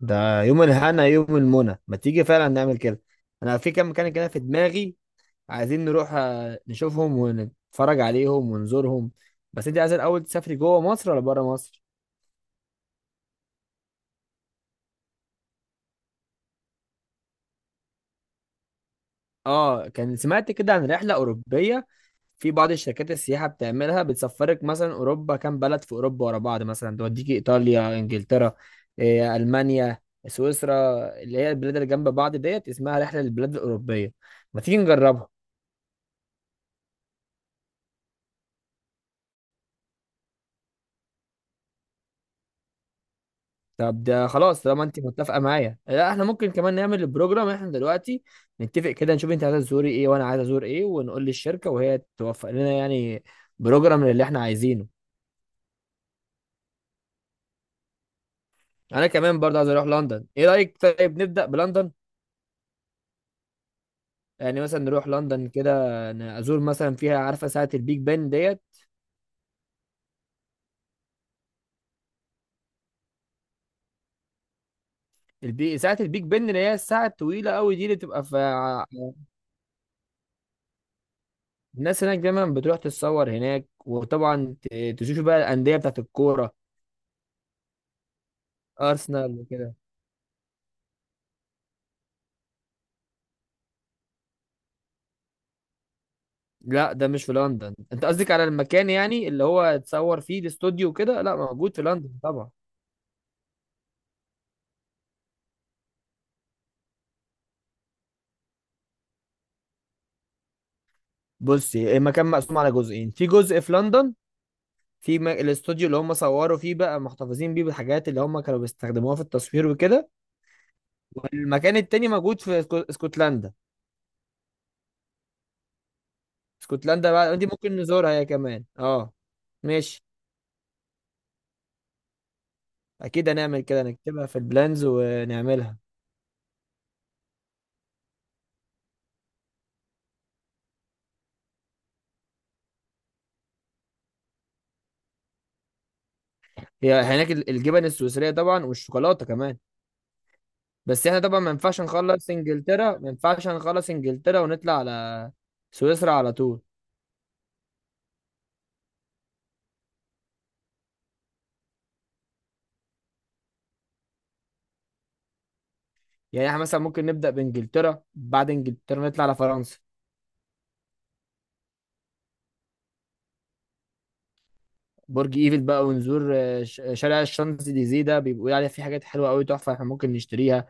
ده يوم الهنا يوم المنى، ما تيجي فعلا نعمل كده. انا في كام مكان كده في دماغي. عايزين نروح نشوفهم ونتفرج عليهم ونزورهم. بس انت عايز الاول تسافري جوه مصر ولا بره مصر؟ اه، كان سمعت كده عن رحله اوروبيه. في بعض الشركات السياحه بتعملها، بتسفرك مثلا اوروبا، كام بلد في اوروبا ورا بعض، مثلا توديكي ايطاليا، انجلترا، المانيا، سويسرا، اللي هي البلاد اللي جنب بعض ديت، اسمها رحله للبلاد الاوروبيه. ما تيجي نجربها؟ طب ده خلاص، طالما انت متفقه معايا، لا احنا ممكن كمان نعمل البروجرام احنا دلوقتي. نتفق كده، نشوف انت عايزه تزوري ايه وانا عايز ازور ايه، ونقول للشركه وهي توفق لنا يعني بروجرام اللي احنا عايزينه. انا كمان برضه عايز اروح لندن، ايه رايك؟ طيب نبدا بلندن. يعني مثلا نروح لندن كده، ازور مثلا فيها، عارفه ساعه البيج بن ديت؟ ساعه البيج بن اللي هي الساعه الطويله قوي دي، اللي بتبقى في الناس هناك دايما بتروح تتصور هناك، وطبعا تشوفوا بقى الانديه بتاعت الكوره، ارسنال وكده. لا، ده مش في لندن. انت قصدك على المكان يعني اللي هو اتصور فيه، الاستوديو وكده، لا موجود في لندن طبعا. بصي، المكان مقسوم على جزئين، في جزء في لندن، في الاستوديو اللي هم صوروا فيه، بقى محتفظين بيه بالحاجات اللي هم كانوا بيستخدموها في التصوير وكده. والمكان التاني موجود في اسكتلندا. اسكتلندا بقى دي ممكن نزورها هي كمان، اه. ماشي، اكيد هنعمل كده، نكتبها في البلانز ونعملها. هي هناك الجبن السويسرية طبعا، والشوكولاتة كمان. بس احنا طبعا ما ينفعش نخلص انجلترا ونطلع على سويسرا على طول. يعني احنا مثلا ممكن نبدأ بانجلترا، بعد انجلترا نطلع على فرنسا. برج ايفل بقى، ونزور شارع الشانزليزيه، ده بيبقوا عليه في حاجات حلوه قوي تحفه احنا ممكن نشتريها.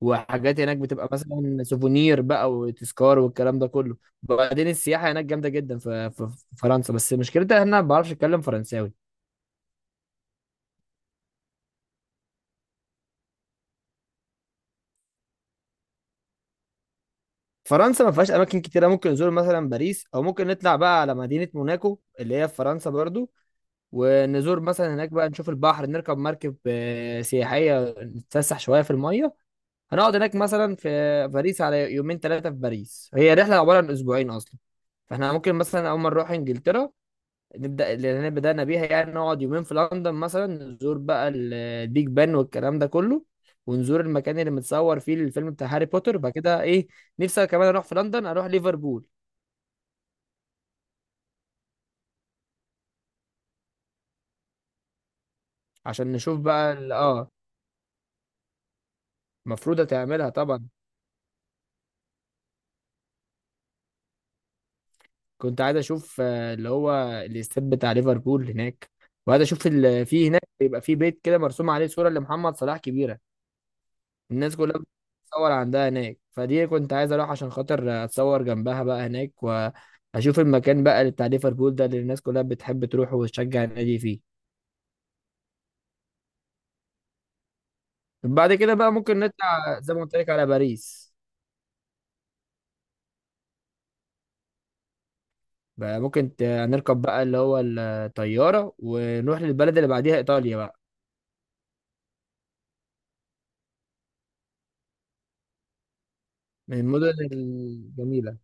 وحاجات هناك بتبقى مثلا سوفونير بقى، وتذكار، والكلام ده كله. وبعدين السياحه هناك جامده جدا في فرنسا، بس مشكلتها ان انا ما بعرفش اتكلم فرنساوي. فرنسا ما فيهاش اماكن كتيره، ممكن نزور مثلا باريس، او ممكن نطلع بقى على مدينه موناكو اللي هي في فرنسا برضو. ونزور مثلا هناك بقى، نشوف البحر، نركب مركب سياحيه، نتفسح شويه في الميه. هنقعد هناك مثلا في باريس على يومين ثلاثه، في باريس. هي رحله عباره عن اسبوعين اصلا. فاحنا ممكن مثلا اول ما نروح انجلترا، نبدا اللي احنا بدانا بيها يعني، نقعد يومين في لندن مثلا، نزور بقى البيج بان والكلام ده كله. ونزور المكان اللي متصور فيه الفيلم بتاع هاري بوتر. بعد كده ايه، نفسي كمان اروح في لندن اروح ليفربول. عشان نشوف بقى المفروض هتعملها طبعا. كنت عايز اشوف اللي هو الاستاد بتاع ليفربول هناك. وعايز اشوف في هناك بيبقى في بيت كده مرسوم عليه صورة لمحمد صلاح كبيرة. الناس كلها بتتصور عندها هناك، فدي كنت عايز اروح عشان خاطر اتصور جنبها بقى هناك، واشوف المكان بقى اللي بتاع ليفربول ده، اللي الناس كلها بتحب تروح وتشجع النادي فيه. بعد كده بقى ممكن نطلع زي ما قلت لك على باريس. بقى ممكن نركب بقى اللي هو الطيارة، ونروح للبلد اللي بعديها، ايطاليا بقى، من المدن الجميلة.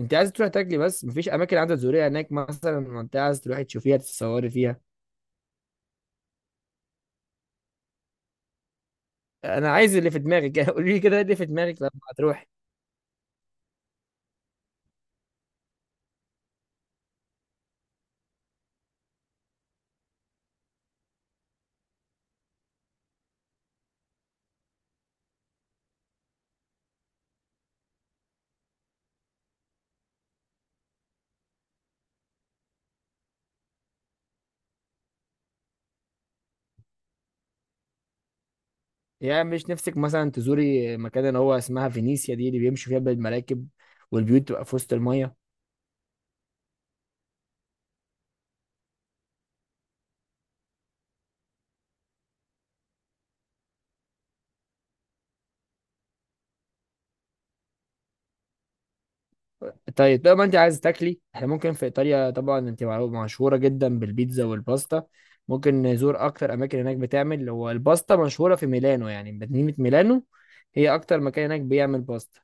انت عايز تروح تاكلي بس؟ مفيش اماكن عايزه تزوريها هناك مثلا؟ منطقه عايز تروحي تشوفيها تتصوري فيها. انا عايز اللي في دماغك. قولي لي كده، إيه اللي في دماغك لما هتروحي؟ يعني مش نفسك مثلا تزوري مكان اللي هو اسمها فينيسيا دي، اللي بيمشوا فيها بالمراكب والبيوت تبقى في وسط المية؟ طيب ما انت عايز تاكلي، احنا ممكن في ايطاليا طبعا، انت مشهورة جدا بالبيتزا والباستا. ممكن نزور اكتر اماكن هناك بتعمل، هو الباستا مشهورة في ميلانو يعني، مدينة ميلانو، هي اكتر مكان هناك بيعمل باستا.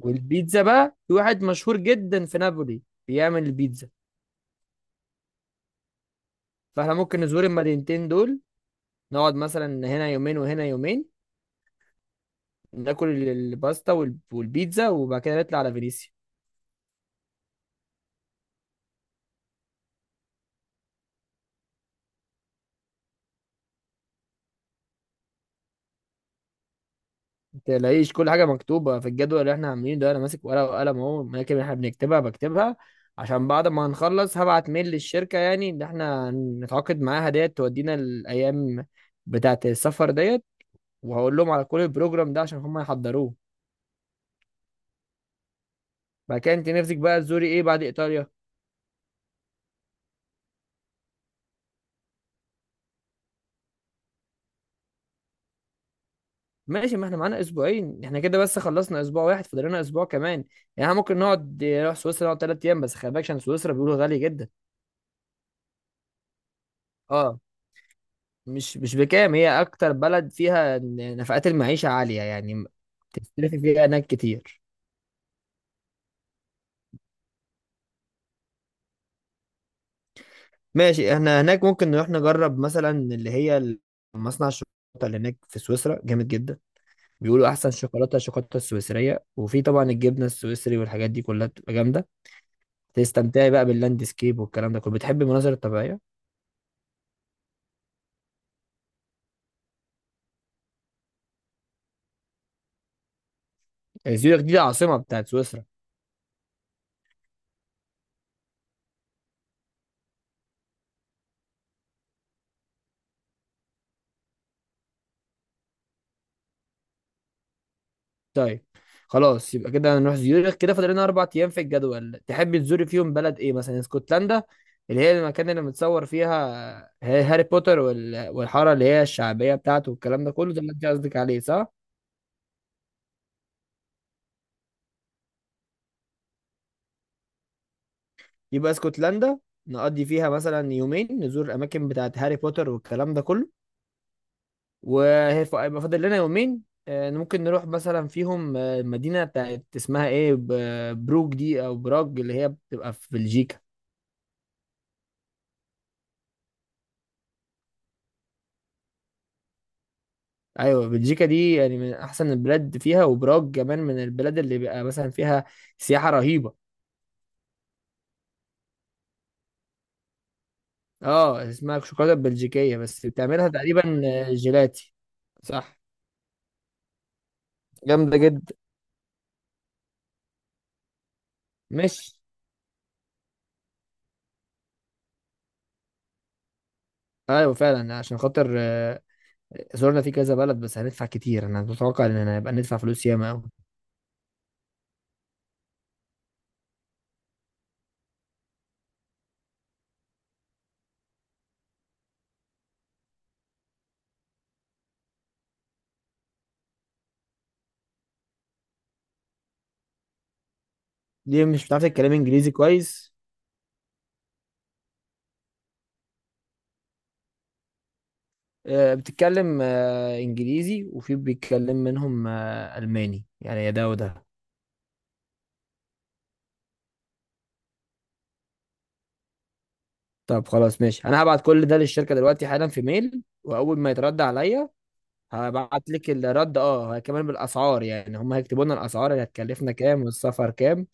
والبيتزا بقى في واحد مشهور جدا في نابولي بيعمل البيتزا. فاحنا ممكن نزور المدينتين دول، نقعد مثلا هنا يومين وهنا يومين، ناكل الباستا والبيتزا، وبعد كده نطلع على فينيسيا. تلاقيش كل حاجه مكتوبه في الجدول اللي احنا عاملينه ده، انا ماسك ورقه وقلم اهو، الاماكن اللي احنا بنكتبها بكتبها، عشان بعد ما هنخلص هبعت ميل للشركه يعني، ان احنا نتعاقد معاها ديت، تودينا الايام بتاعه السفر ديت، وهقول لهم على كل البروجرام ده عشان هم يحضروه. بعد كده انت نفسك بقى تزوري ايه بعد ايطاليا؟ ماشي، ما احنا معانا اسبوعين، احنا كده بس خلصنا اسبوع واحد، فاضل لنا اسبوع كمان. يعني احنا ممكن نقعد نروح سويسرا، نقعد 3 ايام بس. خلي بالك عشان سويسرا بيقولوا غالي جدا. اه، مش بكام، هي اكتر بلد فيها نفقات المعيشة عالية يعني، تصرفي فيها هناك كتير. ماشي، احنا هناك ممكن نروح نجرب مثلا اللي هي مصنع الشوكولاتة اللي هناك في سويسرا، جامد جدا. بيقولوا احسن شوكولاتة الشوكولاتة السويسرية، وفي طبعا الجبنة السويسري والحاجات دي كلها بتبقى جامدة. تستمتعي بقى باللاندسكيب والكلام ده كله، بتحبي المناظر الطبيعية. زيورخ دي العاصمة بتاعت سويسرا. طيب خلاص، يبقى كده هنروح زيورخ. كده فاضل لنا 4 ايام في الجدول، تحب تزور فيهم بلد ايه مثلا؟ اسكتلندا، اللي هي المكان اللي متصور فيها هاري بوتر، والحاره اللي هي الشعبيه بتاعته والكلام ده كله، ده اللي انت قصدك عليه صح؟ يبقى اسكتلندا، نقضي فيها مثلا يومين، نزور الاماكن بتاعت هاري بوتر والكلام ده كله. وهيبقى فاضل لنا يومين، ممكن نروح مثلا فيهم المدينه بتاعت اسمها ايه، بروج دي او براج اللي هي بتبقى في بلجيكا. ايوه بلجيكا دي يعني من احسن البلاد فيها، وبراج كمان من البلاد اللي بيبقى مثلا فيها سياحه رهيبه. اه، اسمها الشوكولاته البلجيكيه بس، بتعملها تقريبا جيلاتي. صح، جامده جدا. مش ايوه فعلا. عشان خاطر زرنا في كذا بلد بس هندفع كتير، انا متوقع ان هيبقى ندفع فلوس ياما قوي. ليه، مش بتعرف تتكلم انجليزي كويس؟ بتتكلم انجليزي، وفي بيتكلم منهم الماني يعني، يا ده وده. طب خلاص ماشي، انا هبعت كل ده للشركه دلوقتي حالا في ميل، واول ما يترد عليا هبعت لك الرد، اه، كمان بالاسعار، يعني هم هيكتبوا لنا الاسعار اللي هتكلفنا كام، والسفر كام،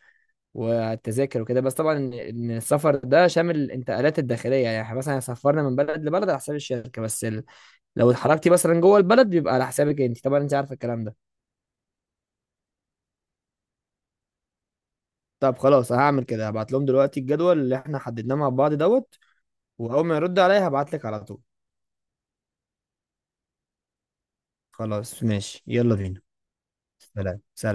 والتذاكر وكده. بس طبعا إن السفر ده شامل الانتقالات الداخليه، يعني إحنا مثلا هيسفرنا من بلد لبلد على حساب الشركه، بس ال... لو اتحركتي مثلا جوه البلد بيبقى على حسابك انت طبعا، انت عارفه الكلام ده. طب خلاص، هعمل كده هبعت لهم دلوقتي الجدول اللي احنا حددناه مع بعض دوت. واول ما يرد عليا هبعت لك على طول. خلاص ماشي، يلا بينا. سلام سلام.